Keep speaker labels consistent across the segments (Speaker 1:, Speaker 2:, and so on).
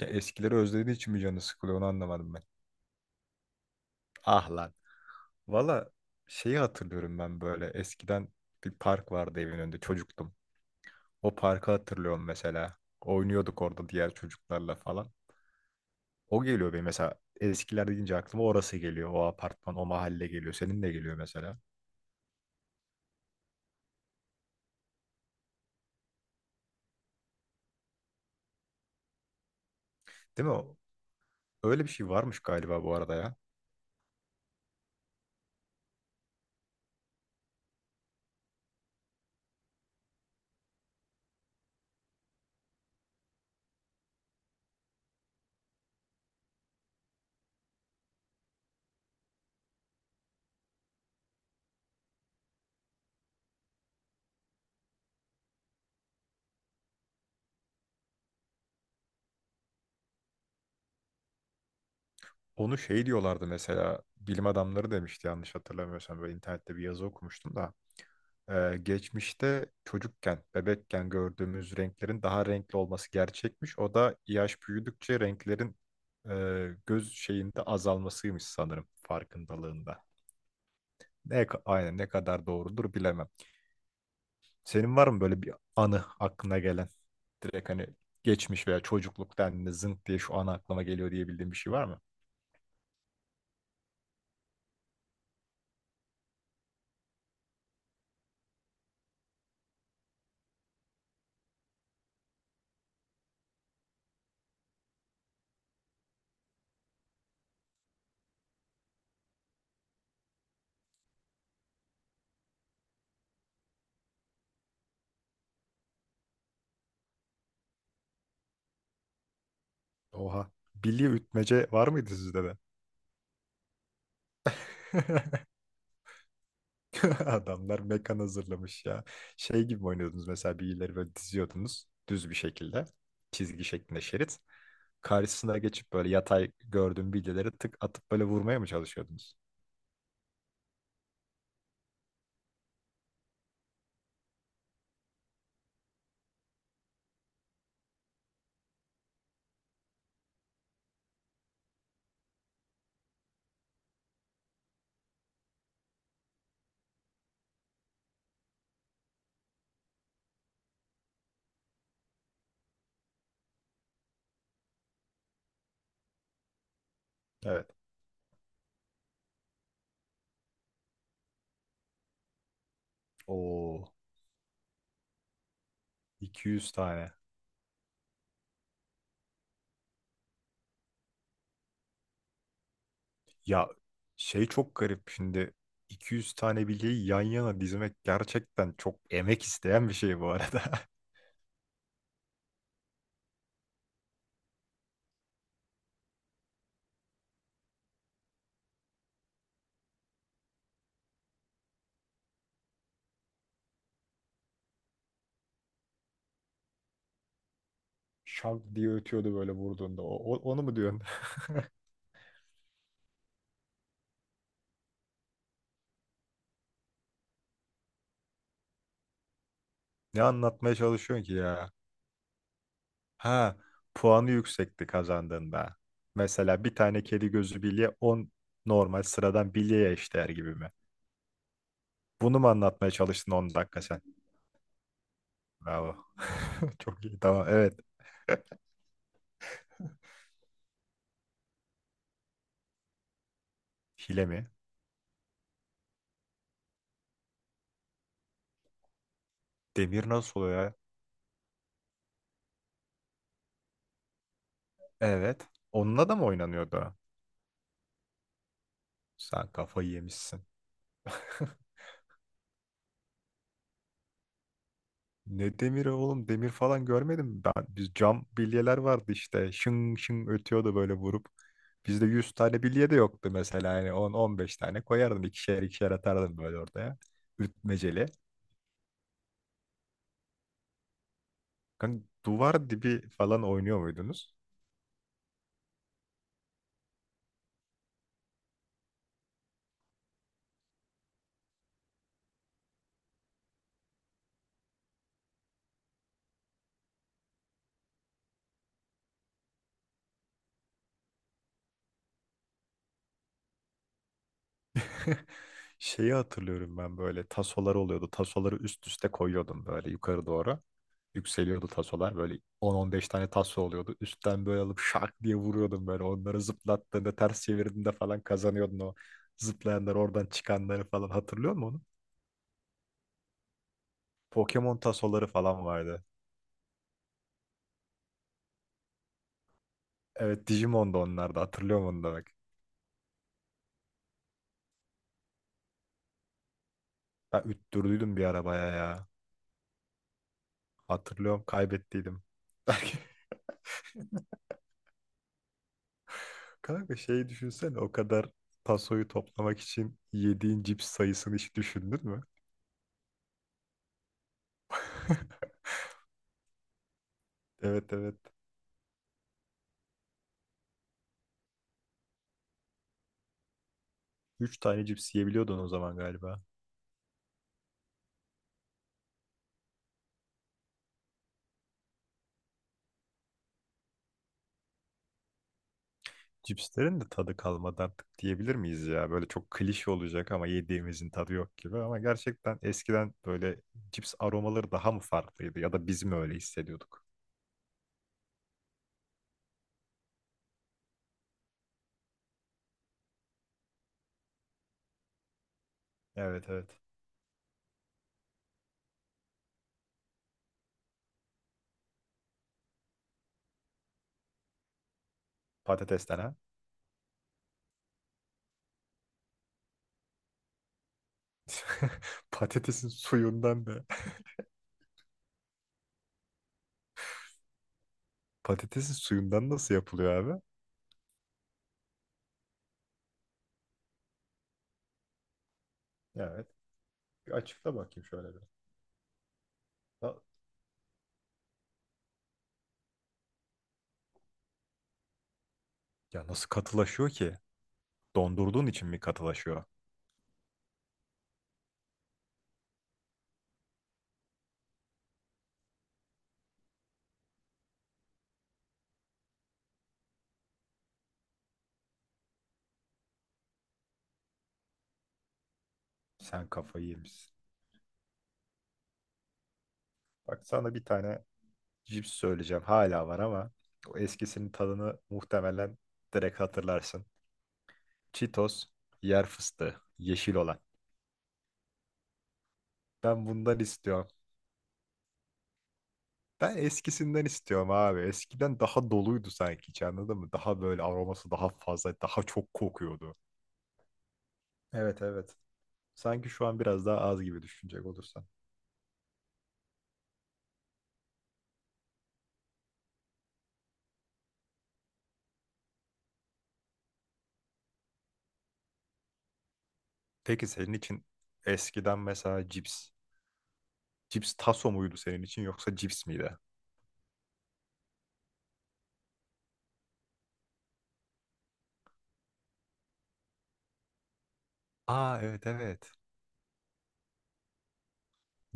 Speaker 1: Ya eskileri özlediği için mi canı sıkılıyor onu anlamadım ben. Ah lan. Valla şeyi hatırlıyorum ben böyle eskiden bir park vardı evin önünde çocuktum. O parkı hatırlıyorum mesela. Oynuyorduk orada diğer çocuklarla falan. O geliyor benim mesela eskiler deyince aklıma orası geliyor. O apartman, o mahalle geliyor. Senin de geliyor mesela. Değil mi? Öyle bir şey varmış galiba bu arada ya. Onu şey diyorlardı mesela bilim adamları demişti yanlış hatırlamıyorsam böyle internette bir yazı okumuştum da. Geçmişte çocukken, bebekken gördüğümüz renklerin daha renkli olması gerçekmiş. O da yaş büyüdükçe renklerin göz şeyinde azalmasıymış sanırım farkındalığında. Ne, aynen ne kadar doğrudur bilemem. Senin var mı böyle bir anı aklına gelen? Direkt hani geçmiş veya çocukluk dendiğinde zınk diye şu an aklıma geliyor diyebildiğin bir şey var mı? Oha. Bilye ütmece var mıydı sizde de? Adamlar mekan hazırlamış ya. Şey gibi mi oynuyordunuz mesela bilyeleri böyle diziyordunuz düz bir şekilde. Çizgi şeklinde şerit. Karşısına geçip böyle yatay gördüğüm bilyeleri tık atıp böyle vurmaya mı çalışıyordunuz? Evet. Oo, 200 tane. Ya şey çok garip şimdi 200 tane bilyeyi yan yana dizmek gerçekten çok emek isteyen bir şey bu arada. Şak diye ötüyordu böyle vurduğunda. Onu mu diyorsun? Ne anlatmaya çalışıyorsun ki ya? Ha, puanı yüksekti kazandığında. Mesela bir tane kedi gözü bilye 10 normal sıradan bilyeye eşdeğer gibi mi? Bunu mu anlatmaya çalıştın 10 dakika sen? Bravo. Çok iyi. Tamam. Evet. Hile mi? Demir nasıl oluyor ya? Evet. Onunla da mı oynanıyordu? Sen kafayı yemişsin. Ne demiri oğlum? Demir falan görmedim ben. Biz cam bilyeler vardı işte. Şın şın ötüyordu böyle vurup. Bizde 100 tane bilye de yoktu mesela. Yani on on beş tane koyardın. İkişer ikişer atardın böyle ortaya. Ütmeceli. Kanka, duvar dibi falan oynuyor muydunuz? Şeyi hatırlıyorum ben böyle tasolar oluyordu. Tasoları üst üste koyuyordum böyle yukarı doğru. Yükseliyordu tasolar böyle 10-15 tane taso oluyordu. Üstten böyle alıp şak diye vuruyordum böyle. Onları zıplattığında ters çevirdiğinde falan kazanıyordun o zıplayanlar oradan çıkanları falan. Hatırlıyor musun onu? Pokemon tasoları falan vardı. Evet Digimon'da onlar da hatırlıyorum onu da bak. Ben üttürdüydüm bir arabaya ya. Hatırlıyorum kaybettiydim. Kanka şeyi düşünsene o kadar tasoyu toplamak için yediğin cips sayısını hiç düşündün mü? Evet evet. Üç tane cips yiyebiliyordun o zaman galiba. Cipslerin de tadı kalmadı artık diyebilir miyiz ya? Böyle çok klişe olacak ama yediğimizin tadı yok gibi. Ama gerçekten eskiden böyle cips aromaları daha mı farklıydı ya da biz mi öyle hissediyorduk? Evet evet. Patatesten ha? Patatesin suyundan da. Patatesin suyundan nasıl yapılıyor abi? Evet. Bir açıkla bakayım şöyle bir. Ta- Ya nasıl katılaşıyor ki? Dondurduğun için mi katılaşıyor? Sen kafayı yemişsin. Bak sana bir tane cips söyleyeceğim. Hala var ama o eskisinin tadını muhtemelen direkt hatırlarsın. Cheetos, yer fıstığı, yeşil olan. Ben bundan istiyorum. Ben eskisinden istiyorum abi. Eskiden daha doluydu sanki hiç anladın mı? Daha böyle aroması daha fazla, daha çok kokuyordu. Evet evet. Sanki şu an biraz daha az gibi düşünecek olursan. Peki senin için eskiden mesela Cips taso muydu senin için yoksa cips miydi? Aa evet evet.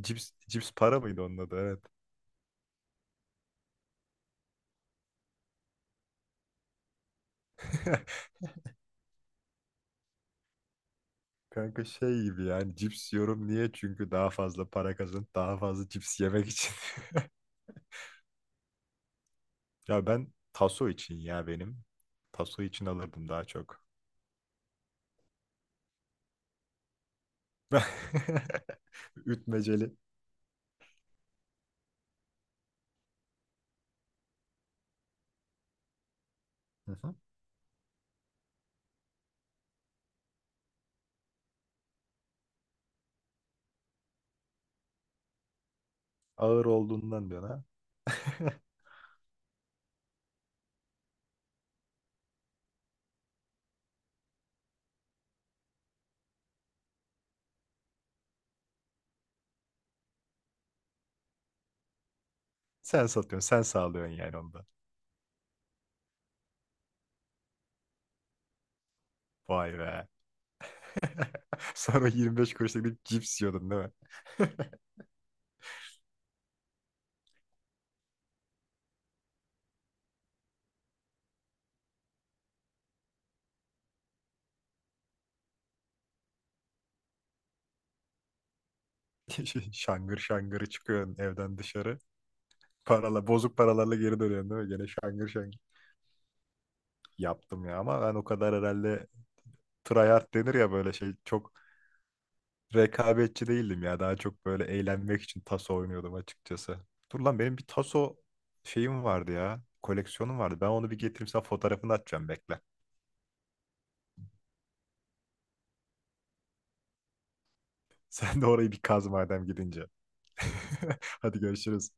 Speaker 1: Cips, cips para mıydı onun adı evet. Kanka şey gibi yani cips yiyorum niye? Çünkü daha fazla para kazan, daha fazla cips yemek için. Ya ben taso için ya benim. Taso için alırdım daha çok. Ütmeceli. Hı hı. Ağır olduğundan diyor ha. Sen satıyorsun, sen sağlıyorsun yani onu. Vay be. Sonra 25 kuruşluk bir cips yiyordun değil mi? Şangır şangırı çıkıyorsun evden dışarı. Parala, bozuk paralarla geri dönüyorsun değil mi? Gene şangır şangır. Yaptım ya ama ben o kadar herhalde tryhard denir ya böyle şey. Çok rekabetçi değildim ya. Daha çok böyle eğlenmek için taso oynuyordum açıkçası. Dur lan benim bir taso şeyim vardı ya. Koleksiyonum vardı. Ben onu bir getireyim sana fotoğrafını atacağım bekle. Sen de orayı bir kaz madem gidince. Hadi görüşürüz.